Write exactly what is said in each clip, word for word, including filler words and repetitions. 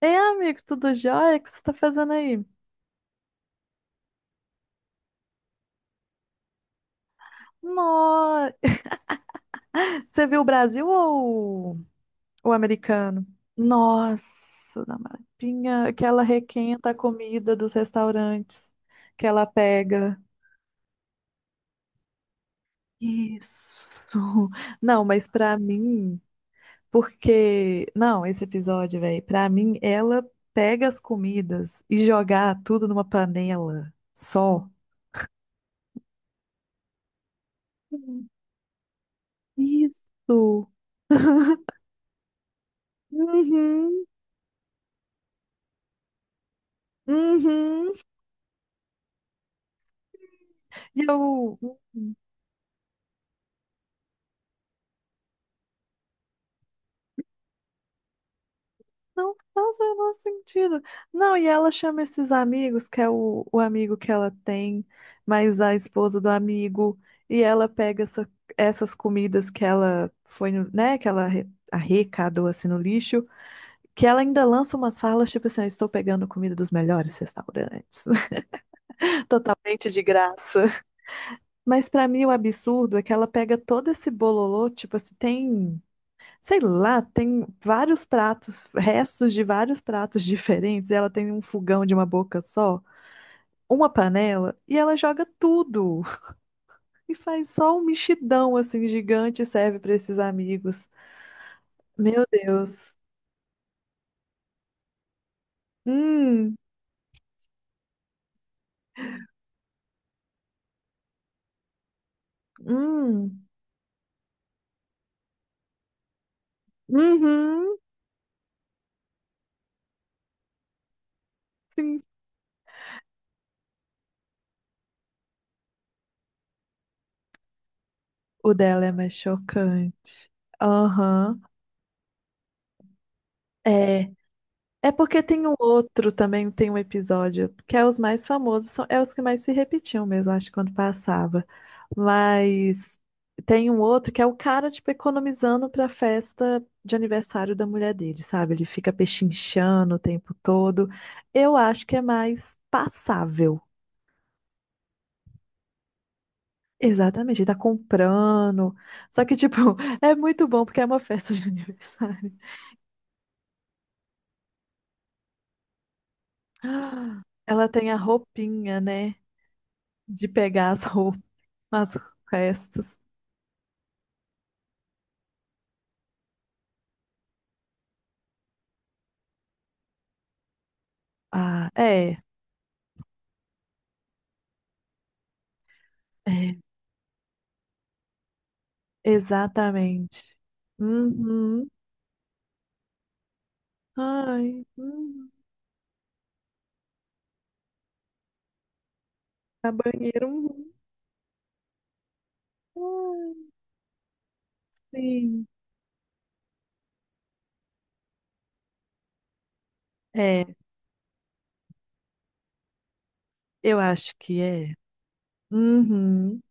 Ei, amigo, tudo jóia? O que você tá fazendo aí? Nossa, você viu o Brasil ou o americano? Nossa, na mapinha, que ela requenta a comida dos restaurantes que ela pega. Isso. Não, mas pra mim, porque. Não, esse episódio, velho, pra mim, ela pega as comidas e jogar tudo numa panela só. Isso. Uhum, uhum. E eu não faz o menor sentido. Não, e ela chama esses amigos, que é o, o amigo que ela tem, mais a esposa do amigo, e ela pega essa- essas comidas que ela foi, no- né, que ela arre- arrecadou assim no lixo, que ela ainda lança umas falas tipo assim, "Eu estou pegando comida dos melhores restaurantes, totalmente de graça. Mas pra mim o absurdo é que ela pega todo esse bololô, tipo assim, tem. Sei lá, tem vários pratos, restos de vários pratos diferentes. Ela tem um fogão de uma boca só, uma panela, e ela joga tudo. E faz só um mexidão assim gigante e serve para esses amigos. Meu Deus. Hum, hum, uhum, sim. O dela é mais chocante. Aham. É. É porque tem um outro também, tem um episódio, que é os mais famosos, são, é os que mais se repetiam mesmo, acho, quando passava. Mas tem um outro que é o cara, tipo, economizando pra festa de aniversário da mulher dele, sabe? Ele fica pechinchando o tempo todo. Eu acho que é mais passável. Exatamente, ele tá comprando. Só que, tipo, é muito bom porque é uma festa de aniversário. Ela tem a roupinha, né? De pegar as. Mas os restos. Ah, é, é, exatamente. Uhum. Ai, uhum. A banheira. Uhum. Ai, sim. É, eu acho que é. Uhum.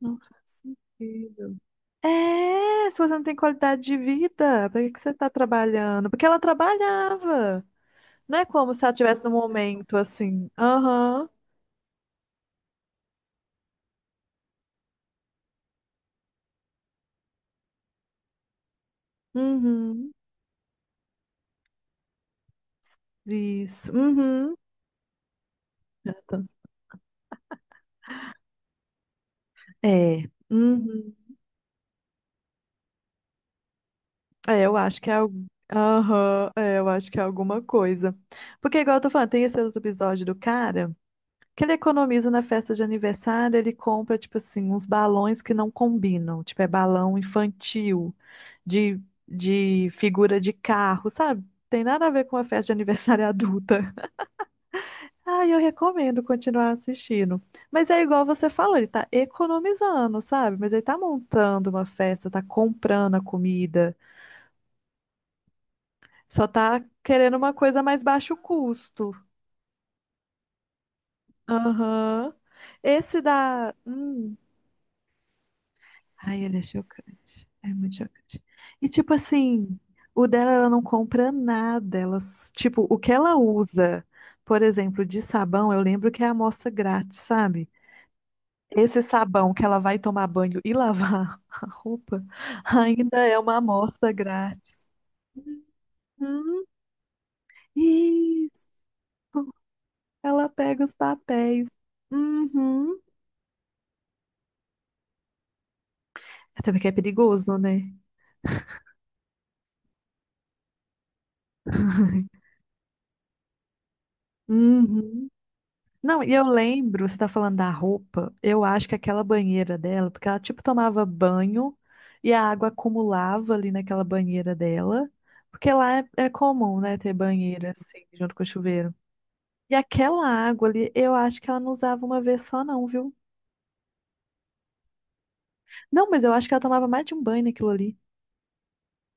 Não faz sentido. É, se você não tem qualidade de vida, para que que você está trabalhando? Porque ela trabalhava. Não é como se ela estivesse num momento assim. Aham. Uhum. Isso. Uhum. Já tá-. É. Uhum. É, eu acho que é, al-. Aham, é, eu acho que é alguma coisa. Porque, igual eu tô falando, tem esse outro episódio do cara que ele economiza na festa de aniversário, ele compra, tipo assim, uns balões que não combinam. Tipo, é balão infantil, de, de figura de carro, sabe? Tem nada a ver com uma festa de aniversário adulta. Ah, eu recomendo continuar assistindo. Mas é igual você falou, ele tá economizando, sabe? Mas ele tá montando uma festa, tá comprando a comida. Só tá querendo uma coisa mais baixo custo. Aham. Esse da. Hum. Ai, ele é chocante. É muito chocante. E tipo assim, o dela ela não compra nada. Ela, s- tipo, o que ela usa, por exemplo, de sabão, eu lembro que é amostra grátis, sabe? Esse sabão que ela vai tomar banho e lavar a roupa ainda é uma amostra grátis. Uhum. Isso, ela pega os papéis. Uhum. Até porque é perigoso, né? Uhum. Não, e eu lembro, você tá falando da roupa, eu acho que aquela banheira dela, porque ela tipo tomava banho e a água acumulava ali naquela banheira dela, porque lá é, é comum, né, ter banheira assim, junto com o chuveiro. E aquela água ali, eu acho que ela não usava uma vez só, não, viu? Não, mas eu acho que ela tomava mais de um banho naquilo ali.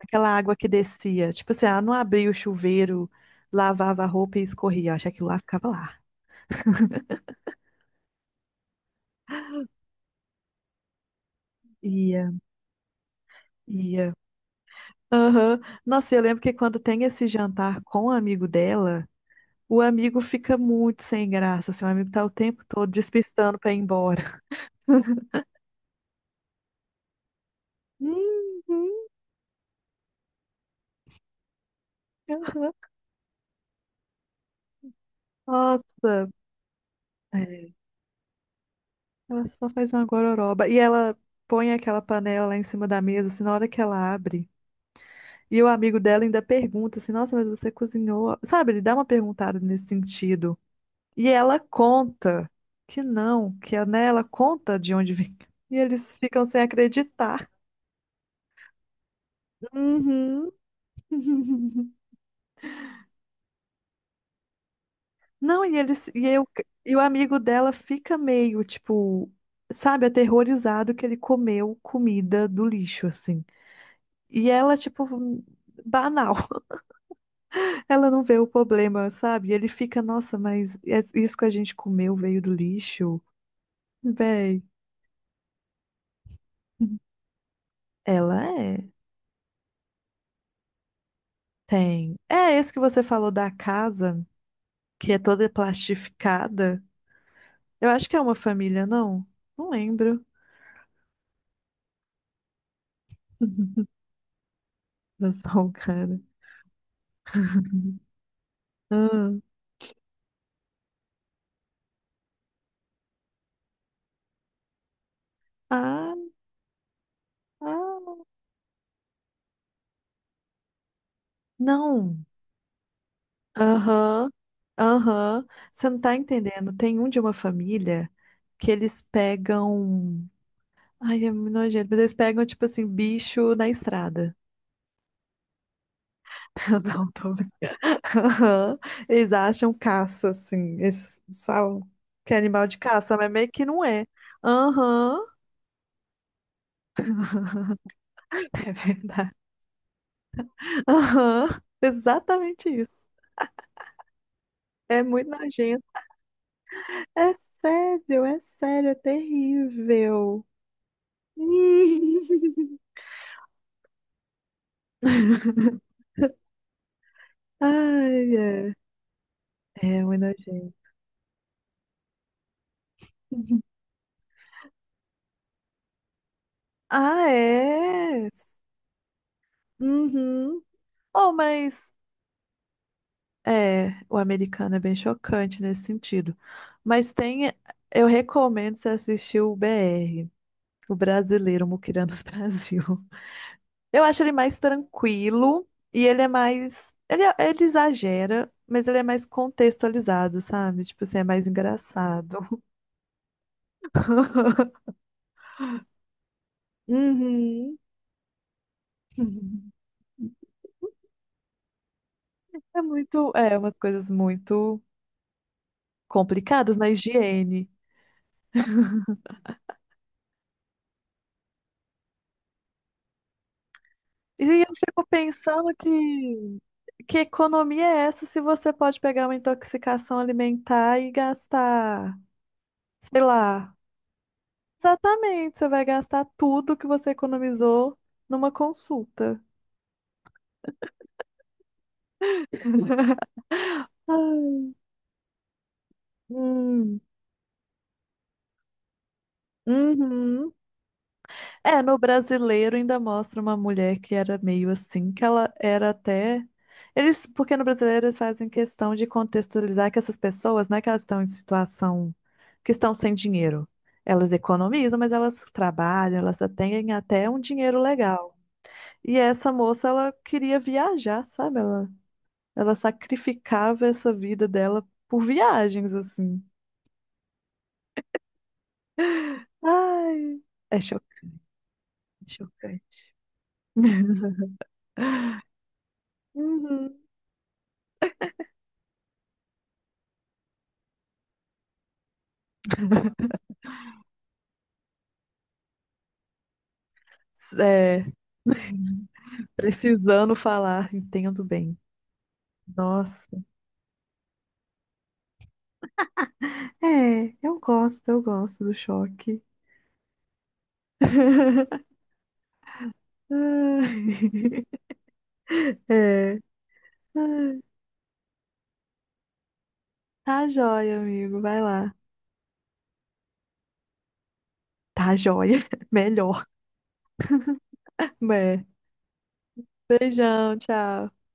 Aquela água que descia. Tipo assim, ela não abria o chuveiro, lavava a roupa e escorria. Eu acho que aquilo lá ficava lá. Ia, ia. Aham. Nossa, eu lembro que quando tem esse jantar com o amigo dela, o amigo fica muito sem graça, assim, o amigo tá o tempo todo despistando pra ir embora. Uhum. Aham. Nossa, é, ela só faz uma gororoba. E ela põe aquela panela lá em cima da mesa, assim, na hora que ela abre. E o amigo dela ainda pergunta assim, nossa, mas você cozinhou? Sabe, ele dá uma perguntada nesse sentido. E ela conta que não, que né, ela conta de onde vem. E eles ficam sem acreditar. Uhum. Não, e eles e, eu, e o amigo dela fica meio, tipo, sabe, aterrorizado que ele comeu comida do lixo, assim. E ela, tipo, banal. Ela não vê o problema, sabe? E ele fica, nossa, mas es- isso que a gente comeu veio do lixo? Véi. Ela é. Tem. É esse que você falou da casa, que é toda plastificada. Eu acho que é uma família, não? Não lembro. Nossa, o cara. Hum. Ah, ah, não. Aham, aham. Você não tá entendendo. Tem um de uma família que eles pegam. Ai, é muito nojento, mas eles pegam, tipo assim, bicho na estrada. Não, tô brincando. Aham. Eles acham caça, assim. Eles sabem que é animal de caça, mas meio que não é. Aham. É verdade. Aham. Exatamente isso. É muito nojento. É sério, é sério, é terrível. Ai, é. É muito nojento. Ah, é? Uhum. Oh, mas é, o americano é bem chocante nesse sentido. Mas tem, eu recomendo você assistir o B R, o brasileiro Muquiranos Brasil. Eu acho ele mais tranquilo e ele é mais. Ele, é, ele exagera, mas ele é mais contextualizado, sabe? Tipo assim, é mais engraçado. Uhum. É muito. É, umas coisas muito complicadas na higiene. E eu fico pensando que. Que economia é essa se você pode pegar uma intoxicação alimentar e gastar, sei lá, exatamente, você vai gastar tudo que você economizou numa consulta. Ai, hum, uhum. É, no brasileiro ainda mostra uma mulher que era meio assim, que ela era até. Eles, porque no brasileiro eles fazem questão de contextualizar que essas pessoas, não é que elas estão em situação, que estão sem dinheiro. Elas economizam, mas elas trabalham, elas têm até um dinheiro legal. E essa moça, ela queria viajar, sabe? Ela, ela sacrificava essa vida dela por viagens, assim. Ai, é chocante, chocante. Uhum. É, precisando falar, entendo bem. Nossa. É, eu gosto, eu gosto do choque. Ai. É. Ai. Tá jóia, amigo, vai lá. Tá jóia, melhor. É. Beijão, tchau.